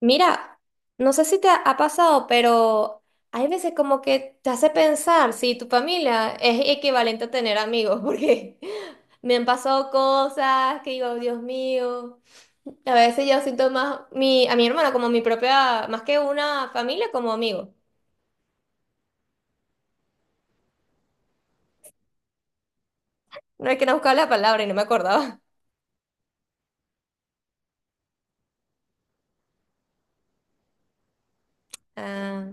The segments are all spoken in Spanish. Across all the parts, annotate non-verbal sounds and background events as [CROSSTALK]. Mira, no sé si te ha, ha pasado, pero hay veces como que te hace pensar si tu familia es equivalente a tener amigos, [LAUGHS] porque me han pasado cosas que digo, Dios mío. A veces yo siento más mi, a mi hermana como mi propia, más que una familia, como amigo. No hay que no buscar la palabra y no me acordaba. Ah,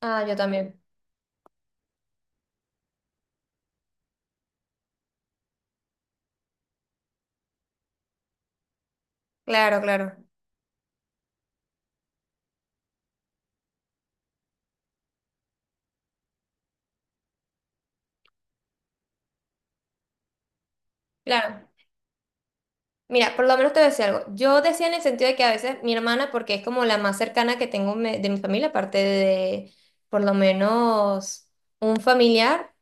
ah, yo también. Claro, claro. Claro. Mira, por lo menos te voy a decir algo. Yo decía en el sentido de que a veces mi hermana, porque es como la más cercana que tengo me- de mi familia, aparte de por lo menos un familiar,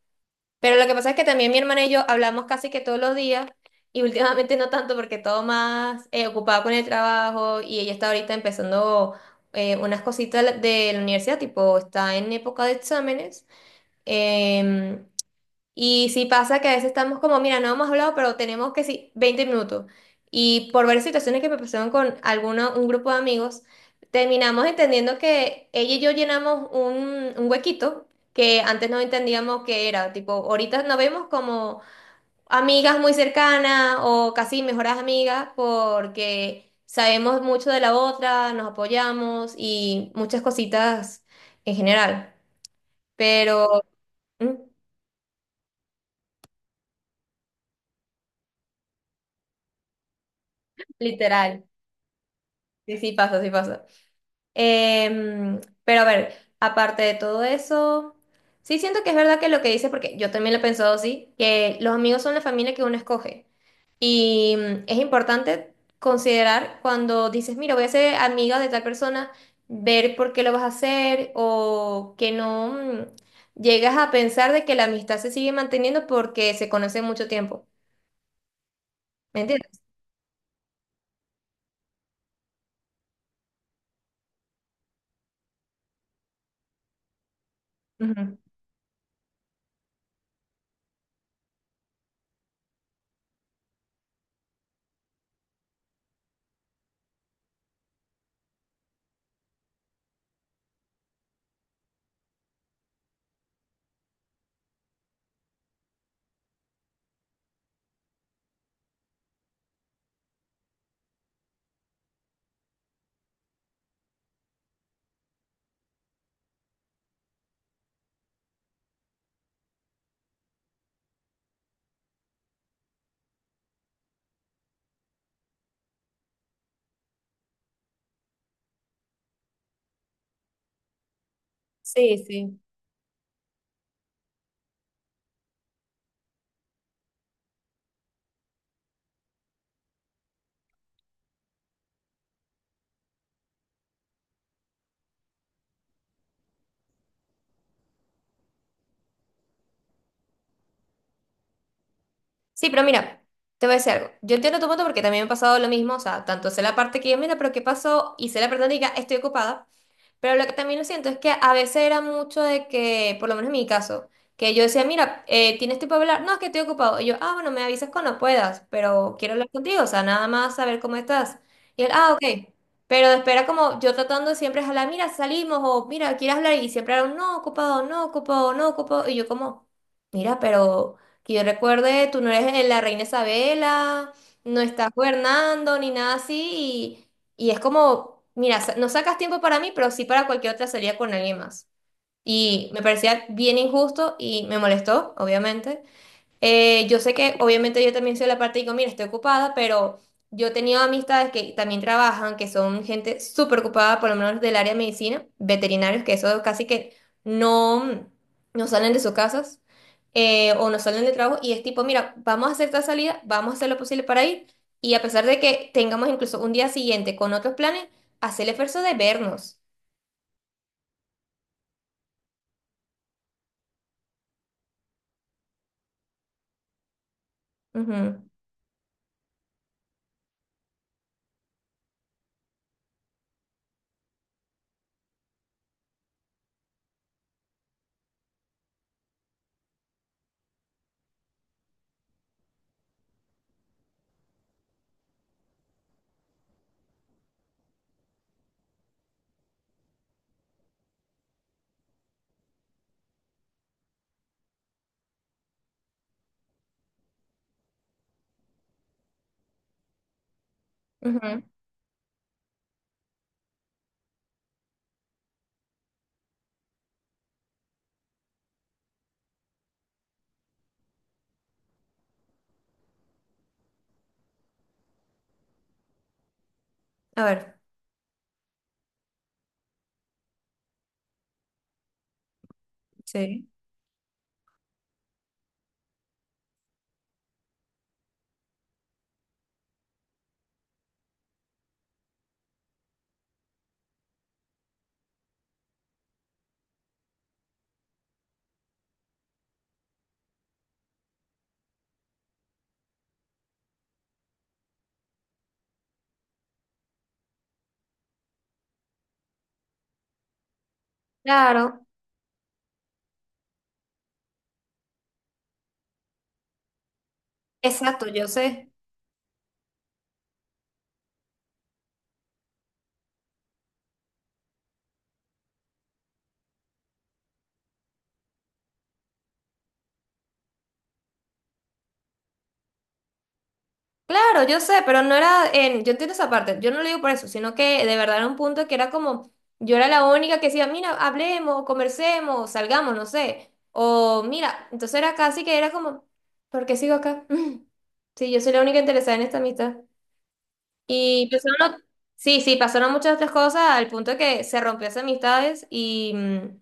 pero lo que pasa es que también mi hermana y yo hablamos casi que todos los días y últimamente no tanto porque todo más ocupado con el trabajo y ella está ahorita empezando unas cositas de la universidad, tipo está en época de exámenes. em, y sí pasa que a veces estamos como, mira, no hemos hablado, pero tenemos que sí, 20 minutos. Y por varias situaciones que me pasaron con alguno, un grupo de amigos, terminamos entendiendo que ella y yo llenamos un huequito que antes no entendíamos que era. Tipo, ahorita nos vemos como amigas muy cercanas o casi mejoras amigas porque sabemos mucho de la otra, nos apoyamos y muchas cositas en general. Pero, mm, literal, sí, sí pasa, sí pasa. Em, pero a ver, aparte de todo eso, sí siento que es verdad que lo que dices, porque yo también lo he pensado así, que los amigos son la familia que uno escoge. Y es importante considerar cuando dices, mira, voy a ser amiga de tal persona, ver por qué lo vas a hacer o que no llegas a pensar de que la amistad se sigue manteniendo porque se conoce mucho tiempo. ¿Me entiendes? Ujú. Sí, sí. Sí, pero mira, te voy a decir algo. Yo entiendo tu punto porque también me ha pasado lo mismo, o sea, tanto sé la parte que yo, mira, pero ¿qué pasó? Y sé la parte donde diga, estoy ocupada, pero lo que también lo siento es que a veces era mucho de que, por lo menos en mi caso, que yo decía, mira, ¿tienes tiempo para hablar? No, es que estoy ocupado. Y yo, ah, bueno, me avisas cuando puedas, pero quiero hablar contigo, o sea, nada más saber cómo estás. Y él, ah, ok. Pero espera como yo tratando de siempre es hablar, mira, salimos, o mira, ¿quieres hablar? Y siempre era un no, ocupado, no, ocupado, no, ocupado. Y yo como, mira, pero que yo recuerde, tú no eres la reina Isabela, no estás gobernando, ni nada así, y es como, mira, sa- no sacas tiempo para mí, pero sí para cualquier otra salida con alguien más. Y me parecía bien injusto y me molestó, obviamente. Yo sé que obviamente yo también soy la parte y digo, mira, estoy ocupada, pero yo he tenido amistades que también trabajan, que son gente súper ocupada, por lo menos del área de medicina, veterinarios, que eso casi que no, no salen de sus casas o no salen de trabajo y es tipo, mira, vamos a hacer esta salida, vamos a hacer lo posible para ir y a pesar de que tengamos incluso un día siguiente con otros planes, hacer el esfuerzo de vernos. Ujú, ujú. A ver. Sí. Claro, exacto, yo sé. Claro, yo sé, pero no era en, yo entiendo esa parte, yo no lo digo por eso, sino que de verdad era un punto que era como, yo era la única que decía, mira, hablemos, conversemos, salgamos, no sé, o mira, entonces era casi que era como, ¿por qué sigo acá? [LAUGHS] Sí, yo soy la única interesada en esta amistad. Y pasaron, ot- sí, sí, pasaron muchas otras cosas al punto de que se rompió esas amistades y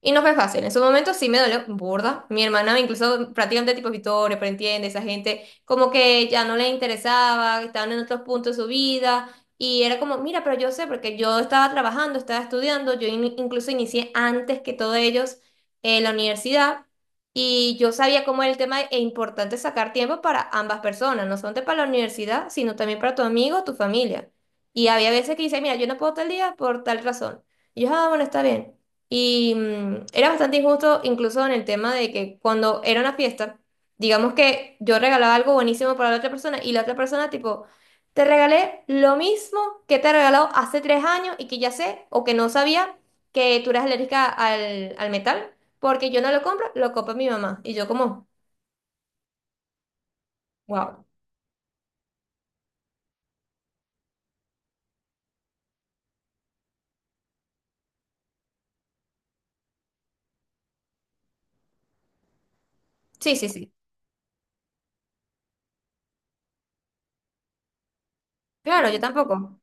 y no fue fácil. En su momento sí me dolió burda. Mi hermana, incluso prácticamente tipo Vittorio, pero entiende, esa gente como que ya no le interesaba, estaban en otros puntos de su vida. Y era como, mira, pero yo sé, porque yo estaba trabajando, estaba estudiando, yo in- incluso inicié antes que todos ellos la universidad. Y yo sabía cómo era el tema e importante sacar tiempo para ambas personas, no solamente para la universidad, sino también para tu amigo, tu familia. Y había veces que dice, mira, yo no puedo tal día por tal razón. Y yo, ah, bueno, está bien. Y era bastante injusto incluso en el tema de que cuando era una fiesta, digamos que yo regalaba algo buenísimo para la otra persona y la otra persona tipo, te regalé lo mismo que te he regalado hace 3 años y que ya sé o que no sabía que tú eras alérgica al metal, porque yo no lo compro, lo compra mi mamá. Y yo como, wow. Sí, sí, sí. Claro, yo tampoco.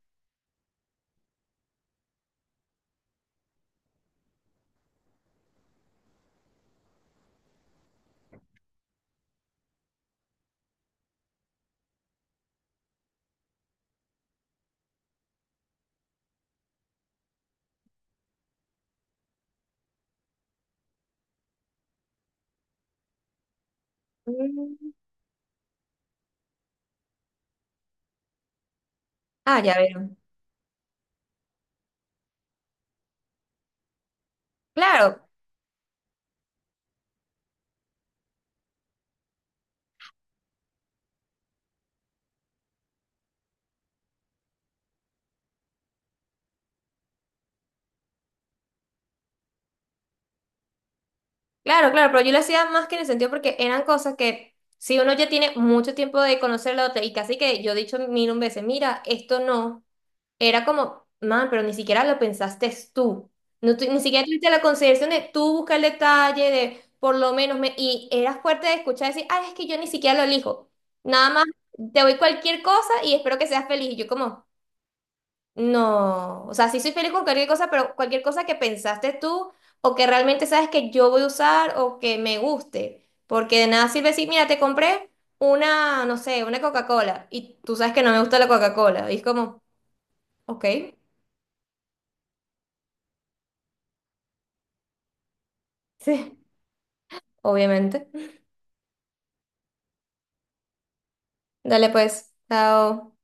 Mm. Ah, ya veo. Claro, claro, pero yo lo hacía más que en el sentido porque eran cosas que si uno ya tiene mucho tiempo de conocer la otra y casi que yo he dicho mil un veces, mira, esto no, era como, man, pero ni siquiera lo pensaste tú, no, tu- ni siquiera tuviste la consideración de tú buscar el detalle, de por lo menos, me, y eras fuerte de escuchar decir, ay, es que yo ni siquiera lo elijo, nada más te doy cualquier cosa y espero que seas feliz, y yo como... No, o sea, sí soy feliz con cualquier cosa, pero cualquier cosa que pensaste tú o que realmente sabes que yo voy a usar o que me guste, porque de nada sirve decir, mira, te compré una, no sé, una Coca-Cola y tú sabes que no me gusta la Coca-Cola. Y es como, ok, [LAUGHS] sí, obviamente. Dale pues, chao.